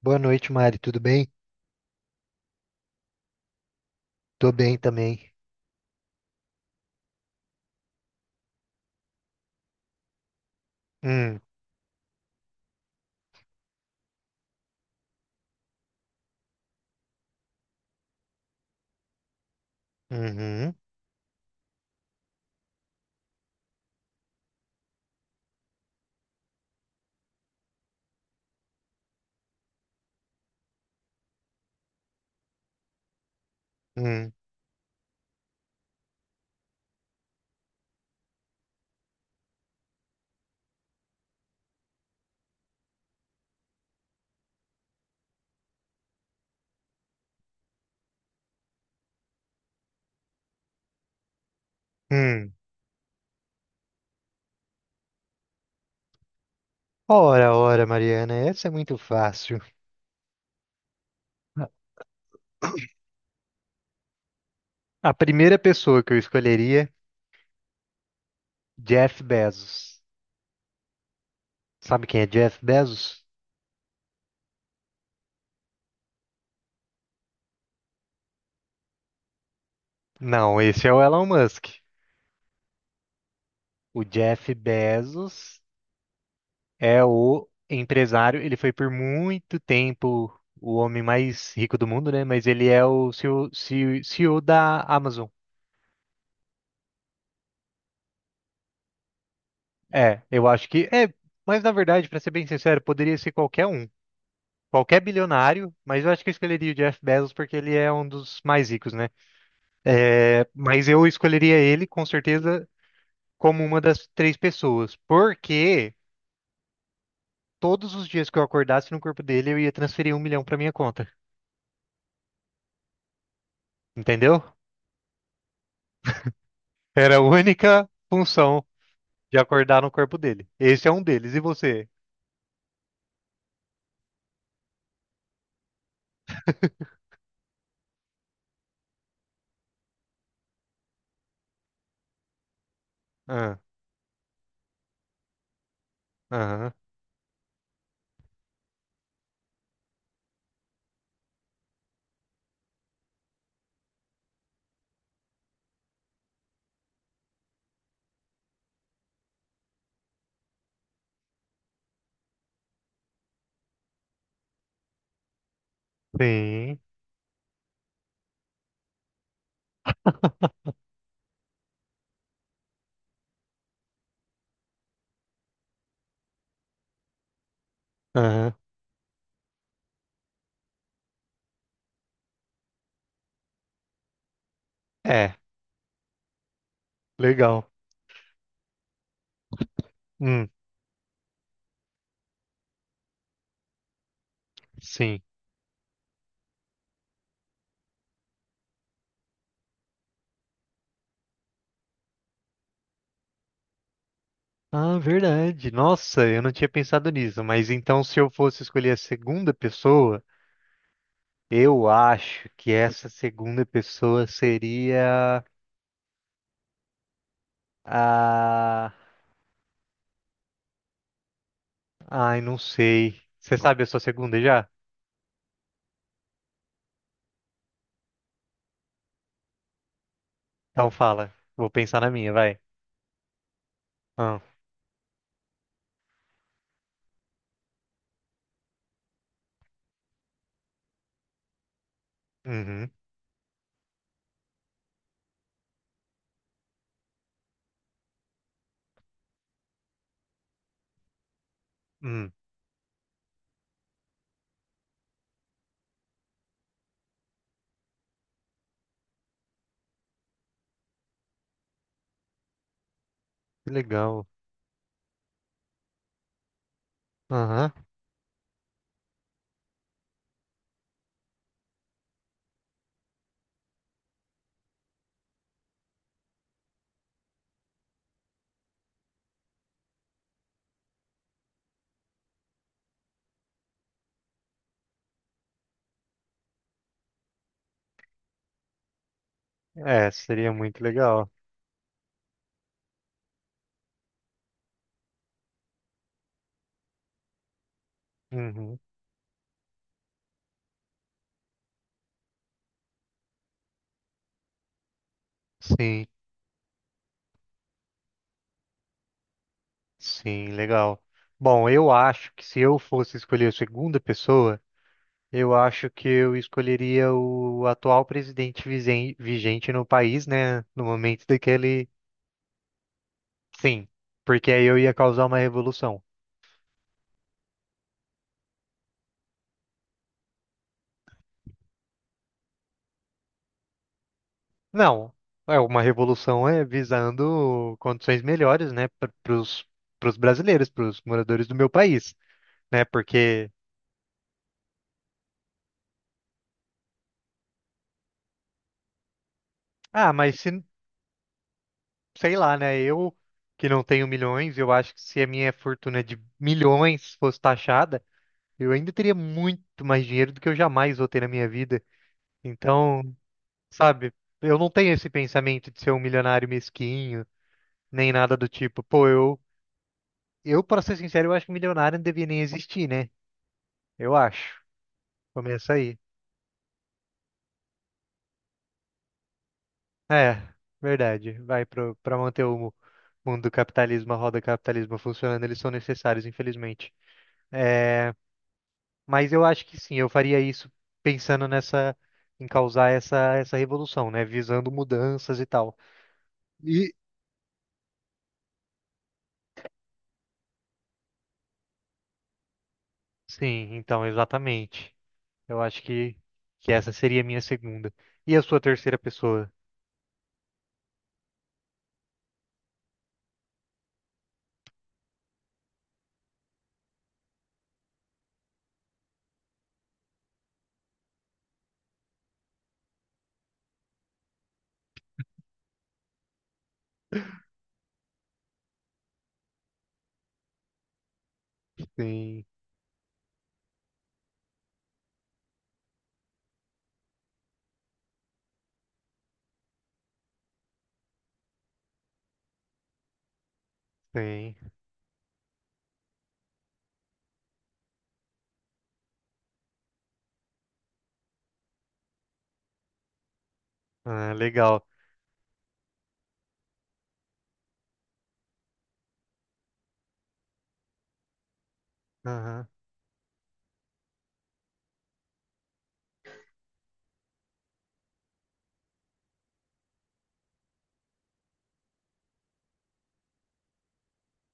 Boa noite, Mari. Tudo bem? Tô bem também. Hum, uhum, hum, hum. Ora, ora, Mariana, essa é muito fácil. A a primeira pessoa que eu escolheria, Jeff Bezos. Sabe quem é Jeff Bezos? Não, esse é o Elon Musk. O Jeff Bezos é o empresário. Ele foi por muito tempo o homem mais rico do mundo, né? Mas ele é o CEO, CEO da Amazon. É, eu acho que é, mas na verdade, pra ser bem sincero, poderia ser qualquer um, qualquer bilionário, mas eu acho que eu escolheria o Jeff Bezos porque ele é um dos mais ricos, né? É, mas eu escolheria ele com certeza como uma das três pessoas, porque todos os dias que eu acordasse no corpo dele, eu ia transferir um milhão pra minha conta, entendeu? Era a única função de acordar no corpo dele. Esse é um deles. E você? Ah, aham, sim, aham, é, legal. Hum, sim. Ah, verdade. Nossa, eu não tinha pensado nisso, mas então se eu fosse escolher a segunda pessoa, eu acho que essa segunda pessoa seria a. Ai, não sei. Você sabe a sua segunda já? Então fala. Vou pensar na minha, vai. Ah, uhum, hum, que legal. Aham. É, seria muito legal. Uhum. Sim, sim, legal. Bom, eu acho que se eu fosse escolher a segunda pessoa. Eu acho que eu escolheria o atual presidente vigente no país, né? No momento daquele. Sim, porque aí eu ia causar uma revolução. Não, é uma revolução é visando condições melhores, né? Para os brasileiros, para os moradores do meu país, né? Porque. Ah, mas se, sei lá, né? Eu que não tenho milhões, eu acho que se a minha fortuna de milhões fosse taxada, eu ainda teria muito mais dinheiro do que eu jamais vou ter na minha vida. Então. Sabe? Eu não tenho esse pensamento de ser um milionário mesquinho, nem nada do tipo. Pô, eu, para ser sincero, eu acho que milionário não devia nem existir, né? Eu acho. Começa aí. É, verdade. Vai pro, para manter o mundo do capitalismo, a roda do capitalismo funcionando, eles são necessários, infelizmente. É, mas eu acho que sim, eu faria isso pensando nessa, em causar essa revolução, né? Visando mudanças e tal. E sim, então, exatamente. Eu acho que essa seria a minha segunda. E a sua terceira pessoa? Sim, sim. Ah, legal. Aham.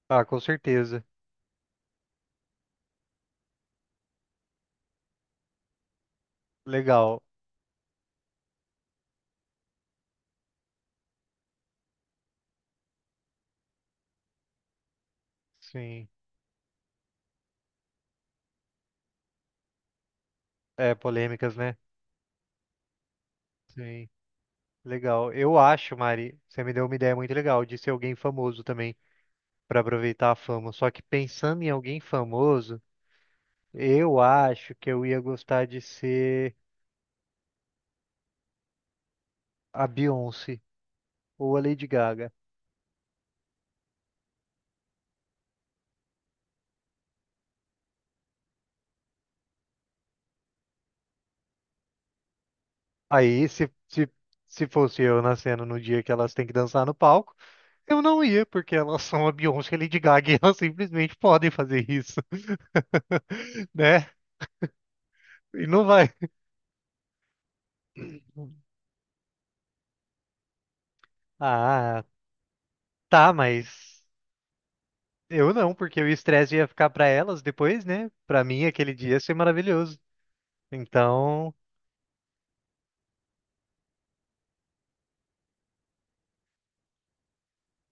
Ah, com certeza. Legal. Sim. É, polêmicas, né? Sim. Legal. Eu acho, Mari, você me deu uma ideia muito legal de ser alguém famoso também, para aproveitar a fama. Só que pensando em alguém famoso, eu acho que eu ia gostar de ser a Beyoncé ou a Lady Gaga. Aí, se fosse eu nascendo no dia que elas têm que dançar no palco, eu não ia, porque elas são a Beyoncé e a Lady Gaga e elas simplesmente podem fazer isso, né? E não vai. Ah, tá, mas eu não, porque o estresse ia ficar pra elas depois, né? Pra mim, aquele dia ia ser maravilhoso. Então,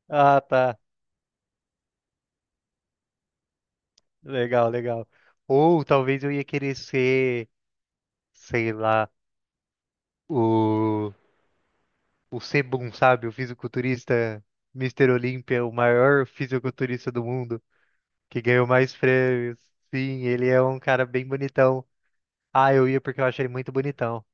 ah, tá. Legal, legal. Ou talvez eu ia querer ser, sei lá, o o Sebum, sabe? O fisiculturista Mister Olímpia, o maior fisiculturista do mundo, que ganhou mais prêmios. Sim, ele é um cara bem bonitão. Ah, eu ia porque eu achei ele muito bonitão.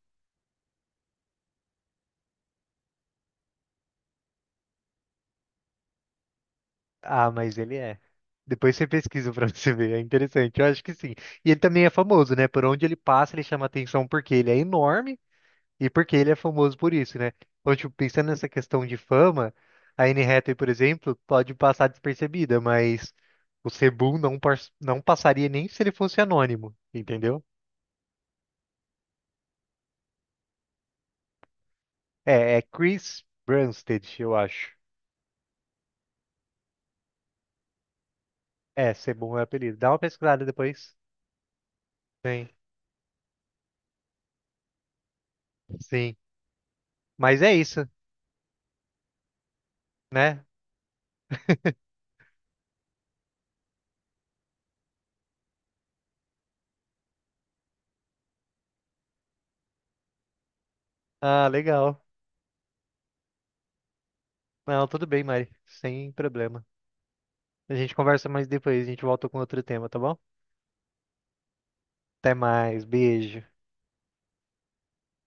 Ah, mas ele é. Depois você pesquisa pra você ver, é interessante. Eu acho que sim. E ele também é famoso, né? Por onde ele passa, ele chama atenção porque ele é enorme. E porque ele é famoso por isso, né? Então, tipo, pensando nessa questão de fama, a Anne Hathaway, por exemplo, pode passar despercebida, mas o Sebum não, não passaria nem se ele fosse anônimo, entendeu? É, é Chris Brunstad, eu acho. É, Sebum é o apelido. Dá uma pesquisada depois. Sim, sim. Mas é isso, né? Ah, legal. Não, tudo bem, Mari. Sem problema. A gente conversa mais depois, a gente volta com outro tema, tá bom? Até mais, beijo.